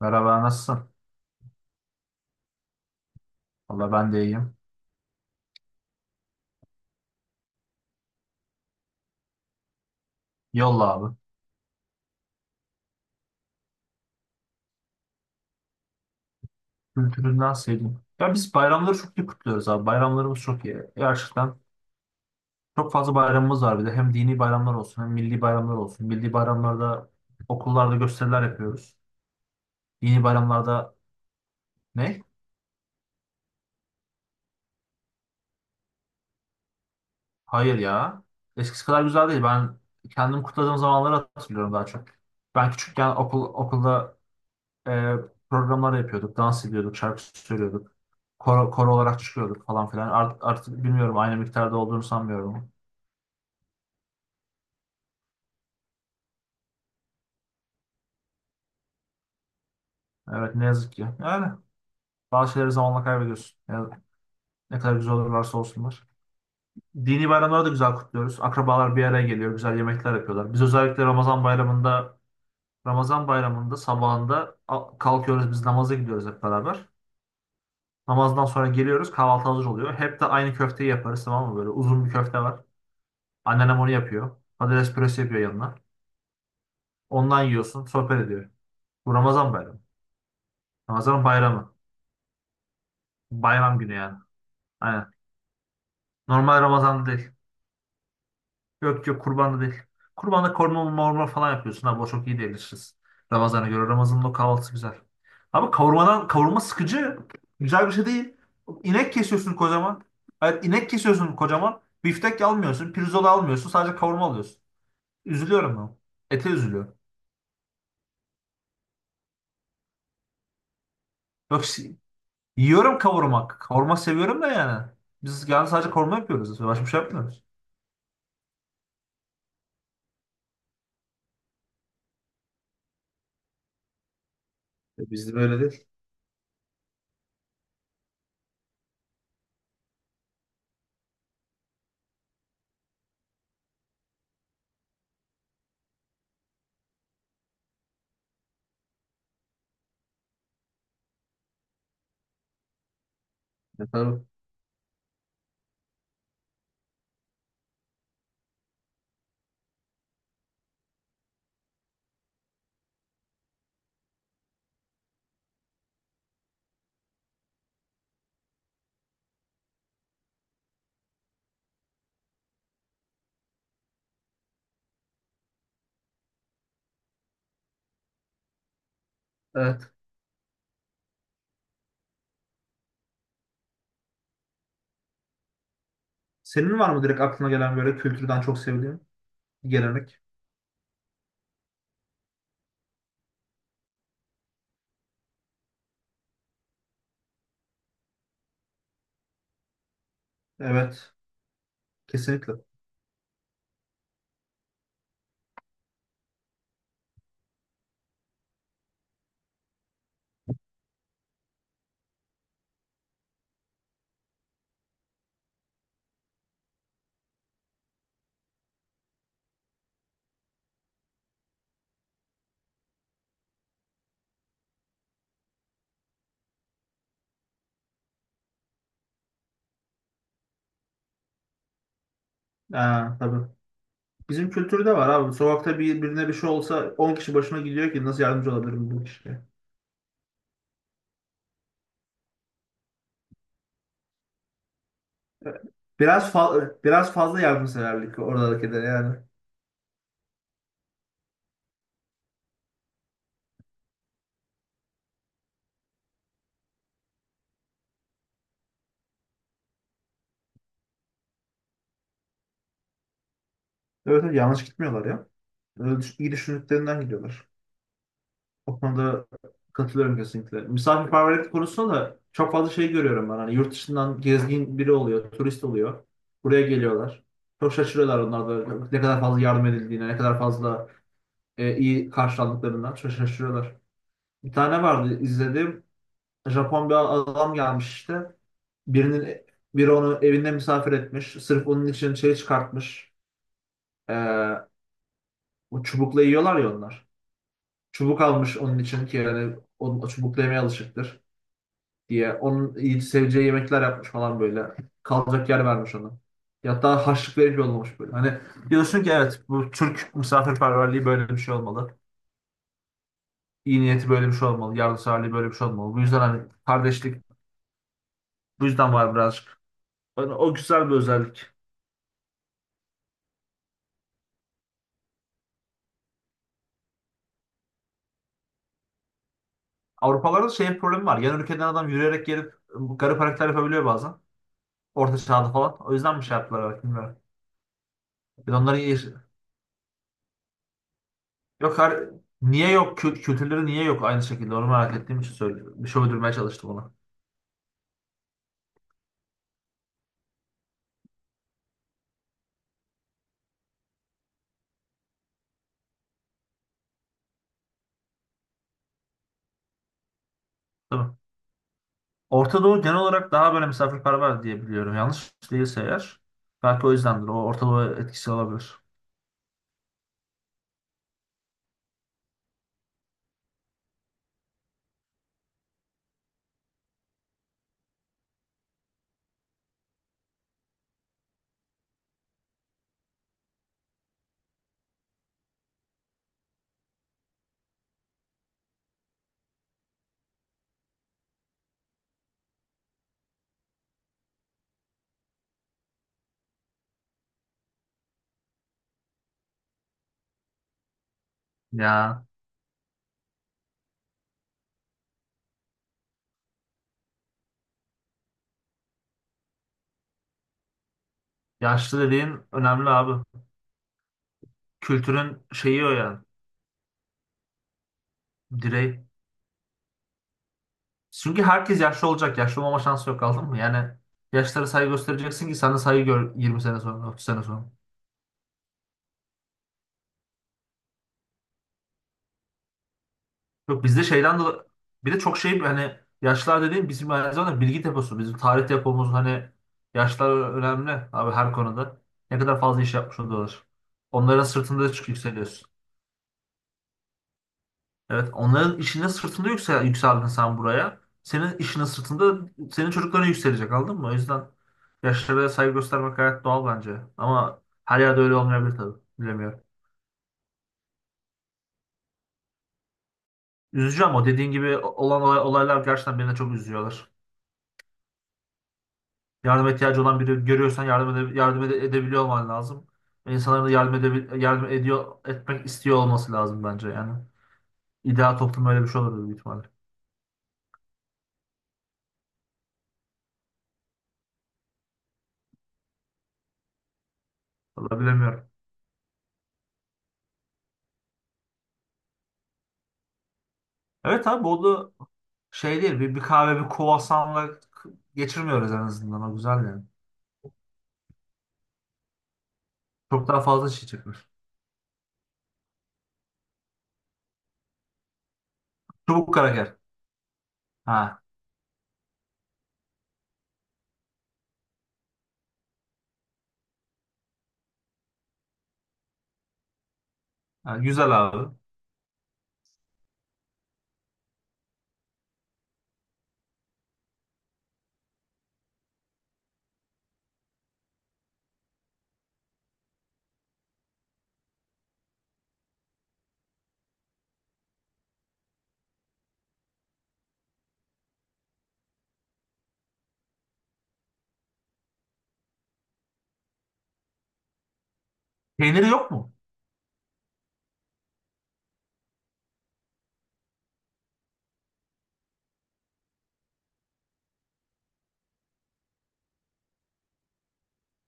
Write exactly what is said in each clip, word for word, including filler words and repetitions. Merhaba nasılsın? Valla ben de iyiyim. Yolla abi. Kültüründen sevdim. Ya biz bayramları çok iyi kutluyoruz abi. Bayramlarımız çok iyi. Gerçekten çok fazla bayramımız var bir de. Hem dini bayramlar olsun hem milli bayramlar olsun. Milli bayramlarda okullarda gösteriler yapıyoruz. Dini bayramlarda ne? Hayır ya. Eskisi kadar güzel değil. Ben kendim kutladığım zamanları hatırlıyorum daha çok. Ben küçükken okul okulda e, programlar yapıyorduk. Dans ediyorduk, şarkı söylüyorduk. Koro, koro olarak çıkıyorduk falan filan. Art- artık bilmiyorum aynı miktarda olduğunu sanmıyorum. Evet ne yazık ki. Yani bazı şeyleri zamanla kaybediyorsun. Yani ne kadar güzel olurlarsa olsunlar. Dini bayramları da güzel kutluyoruz. Akrabalar bir araya geliyor. Güzel yemekler yapıyorlar. Biz özellikle Ramazan bayramında Ramazan bayramında sabahında a- kalkıyoruz biz namaza gidiyoruz hep beraber. Namazdan sonra geliyoruz kahvaltı hazır oluyor. Hep de aynı köfteyi yaparız tamam mı böyle uzun bir köfte var. Anneannem onu yapıyor. Patates püresi yapıyor yanına. Ondan yiyorsun. Sohbet ediyor. Bu Ramazan bayramı. Ramazan bayramı. Bayram günü yani. Aynen. Normal Ramazan'da değil. Yok yok kurbanda değil. Kurbanda korma morma falan yapıyorsun. Abi o çok iyi değiliz. Ramazan'a göre. Ramazan'ın o kahvaltısı güzel. Abi kavurmadan kavurma sıkıcı. Güzel bir şey değil. İnek kesiyorsun kocaman. Hayır, inek kesiyorsun kocaman. Biftek almıyorsun. Pirzola almıyorsun. Sadece kavurma alıyorsun. Üzülüyorum ben. Ete üzülüyorum. Yok si- Yiyorum kavurma. Kavurma seviyorum da yani. Biz yani sadece kavurma yapıyoruz. Başka bir şey yapmıyoruz. E, Bizde böyle değil. E, Tabii. Evet. Senin var mı direkt aklına gelen böyle kültürden çok sevdiğin gelenek? Evet. Kesinlikle. Aa, tabii. Bizim kültürde var abi. Sokakta bir, birine bir şey olsa on kişi başına gidiyor ki nasıl yardımcı olabilirim bu kişiye. Biraz fa- biraz fazla yardımseverlik oradakilere yani. Evet, evet yanlış gitmiyorlar ya. Öyle düş- iyi düşündüklerinden gidiyorlar. O konuda katılıyorum kesinlikle. Misafirperverlik konusunda da çok fazla şey görüyorum ben. Hani yurt dışından gezgin biri oluyor, turist oluyor. Buraya geliyorlar. Çok şaşırıyorlar onlar da ne kadar fazla yardım edildiğine, ne kadar fazla e, iyi karşılandıklarından çok şaşırıyorlar. Bir tane vardı izledim. Japon bir adam gelmiş işte. Birinin Biri onu evinde misafir etmiş. Sırf onun için şey çıkartmış. Ee, O çubukla yiyorlar ya onlar. Çubuk almış onun için ki yani o, o çubukla yemeye alışıktır diye. Onun iyi seveceği yemekler yapmış falan böyle. Kalacak yer vermiş ona. Ya hatta harçlık verip yollamış böyle. Hani diyorsun ki evet bu Türk misafirperverliği böyle bir şey olmalı. İyi niyeti böyle bir şey olmalı. Yardımseverliği böyle bir şey olmalı. Bu yüzden hani kardeşlik bu yüzden var birazcık. Yani o güzel bir özellik. Avrupalarda şey problemi var. Yan ülkeden adam yürüyerek gelip ıı, bu garip hareketler yapabiliyor bazen. Orta çağda falan. O yüzden mi şey yaptılar belki bilmiyorum. Bir de onların iyi... Yok har- Niye yok? Kü- Kültürleri niye yok aynı şekilde? Onu merak ettiğim için söylüyorum. Bir şey uydurmaya çalıştım ona. Tabii. Orta Doğu genel olarak daha böyle misafirperver diye biliyorum. Yanlış değilse eğer. Belki o yüzdendir. O Orta Doğu etkisi olabilir. Ya yaşlı dediğin önemli abi. Kültürün şeyi o yani. Direği. Çünkü herkes yaşlı olacak. Yaşlı olmama şansı yok aldın mı? Yani yaşlara saygı göstereceksin ki sana saygı gör yirmi sene sonra, otuz sene sonra. Yok bizde şeyden dolayı bir de çok şey hani yaşlar dediğim bizim aynı zamanda bilgi deposu. Bizim tarih depomuz hani yaşlar önemli abi her konuda. Ne kadar fazla iş yapmış oluyorlar. Onların sırtında çık yükseliyorsun. Evet onların işinin sırtında yüksel, yükseldin sen buraya. Senin işinin sırtında senin çocukların yükselecek anladın mı? O yüzden yaşlara saygı göstermek gayet doğal bence. Ama her yerde öyle olmayabilir tabii. Bilemiyorum. Üzücü ama dediğin gibi olan olay- olaylar gerçekten beni de çok üzüyorlar. Yardıma ihtiyacı olan biri görüyorsan yardım, ede yardım ede- edebiliyor olman lazım. Ve İnsanların da yardım, edebil yardım ediyor, etmek istiyor olması lazım bence yani. İdeal toplum öyle bir şey olur büyük ihtimalle. Vallahi bilemiyorum. Evet abi bu da şey değil. Bir, bir kahve bir kruvasanla k- geçirmiyoruz en azından. O güzel yani. Çok daha fazla şey çıkmış. Çubuk kraker. Ha, ha, güzel abi. Peyniri yok mu?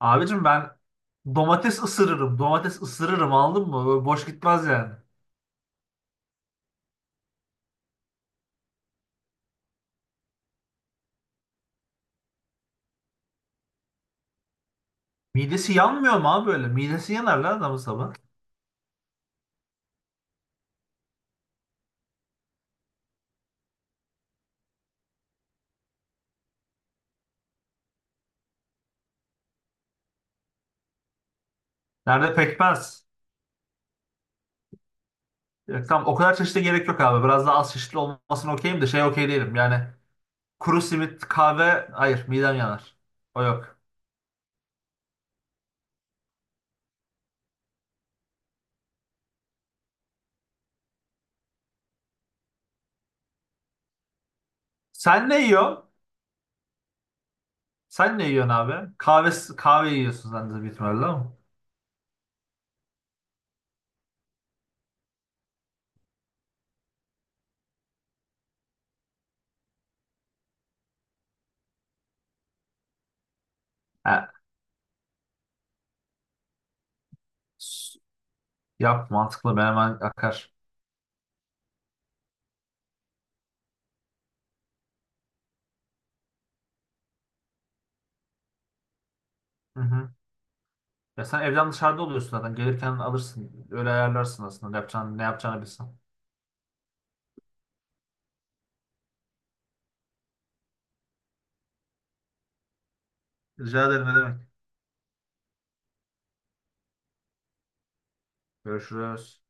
Abicim ben domates ısırırım. Domates ısırırım anladın mı? Böyle boş gitmez yani. Midesi yanmıyor mu abi böyle? Midesi yanar lan adamın sabah. Nerede pekmez. E, Tamam o kadar çeşitli gerek yok abi. Biraz daha az çeşitli olmasına okeyim de şey okey değilim. Yani kuru simit, kahve hayır midem yanar. O yok. Sen ne yiyorsun? Sen ne yiyorsun abi? Kahve, kahve yiyorsun sen de büyük ihtimalle ama. He. S- Yap mantıklı ben hemen akar. Hı hı. Ya sen evden dışarıda oluyorsun zaten. Gelirken alırsın. Öyle ayarlarsın aslında. Yapacağın, ne yapacağını bilsen. Rica ederim ne demek. Görüşürüz.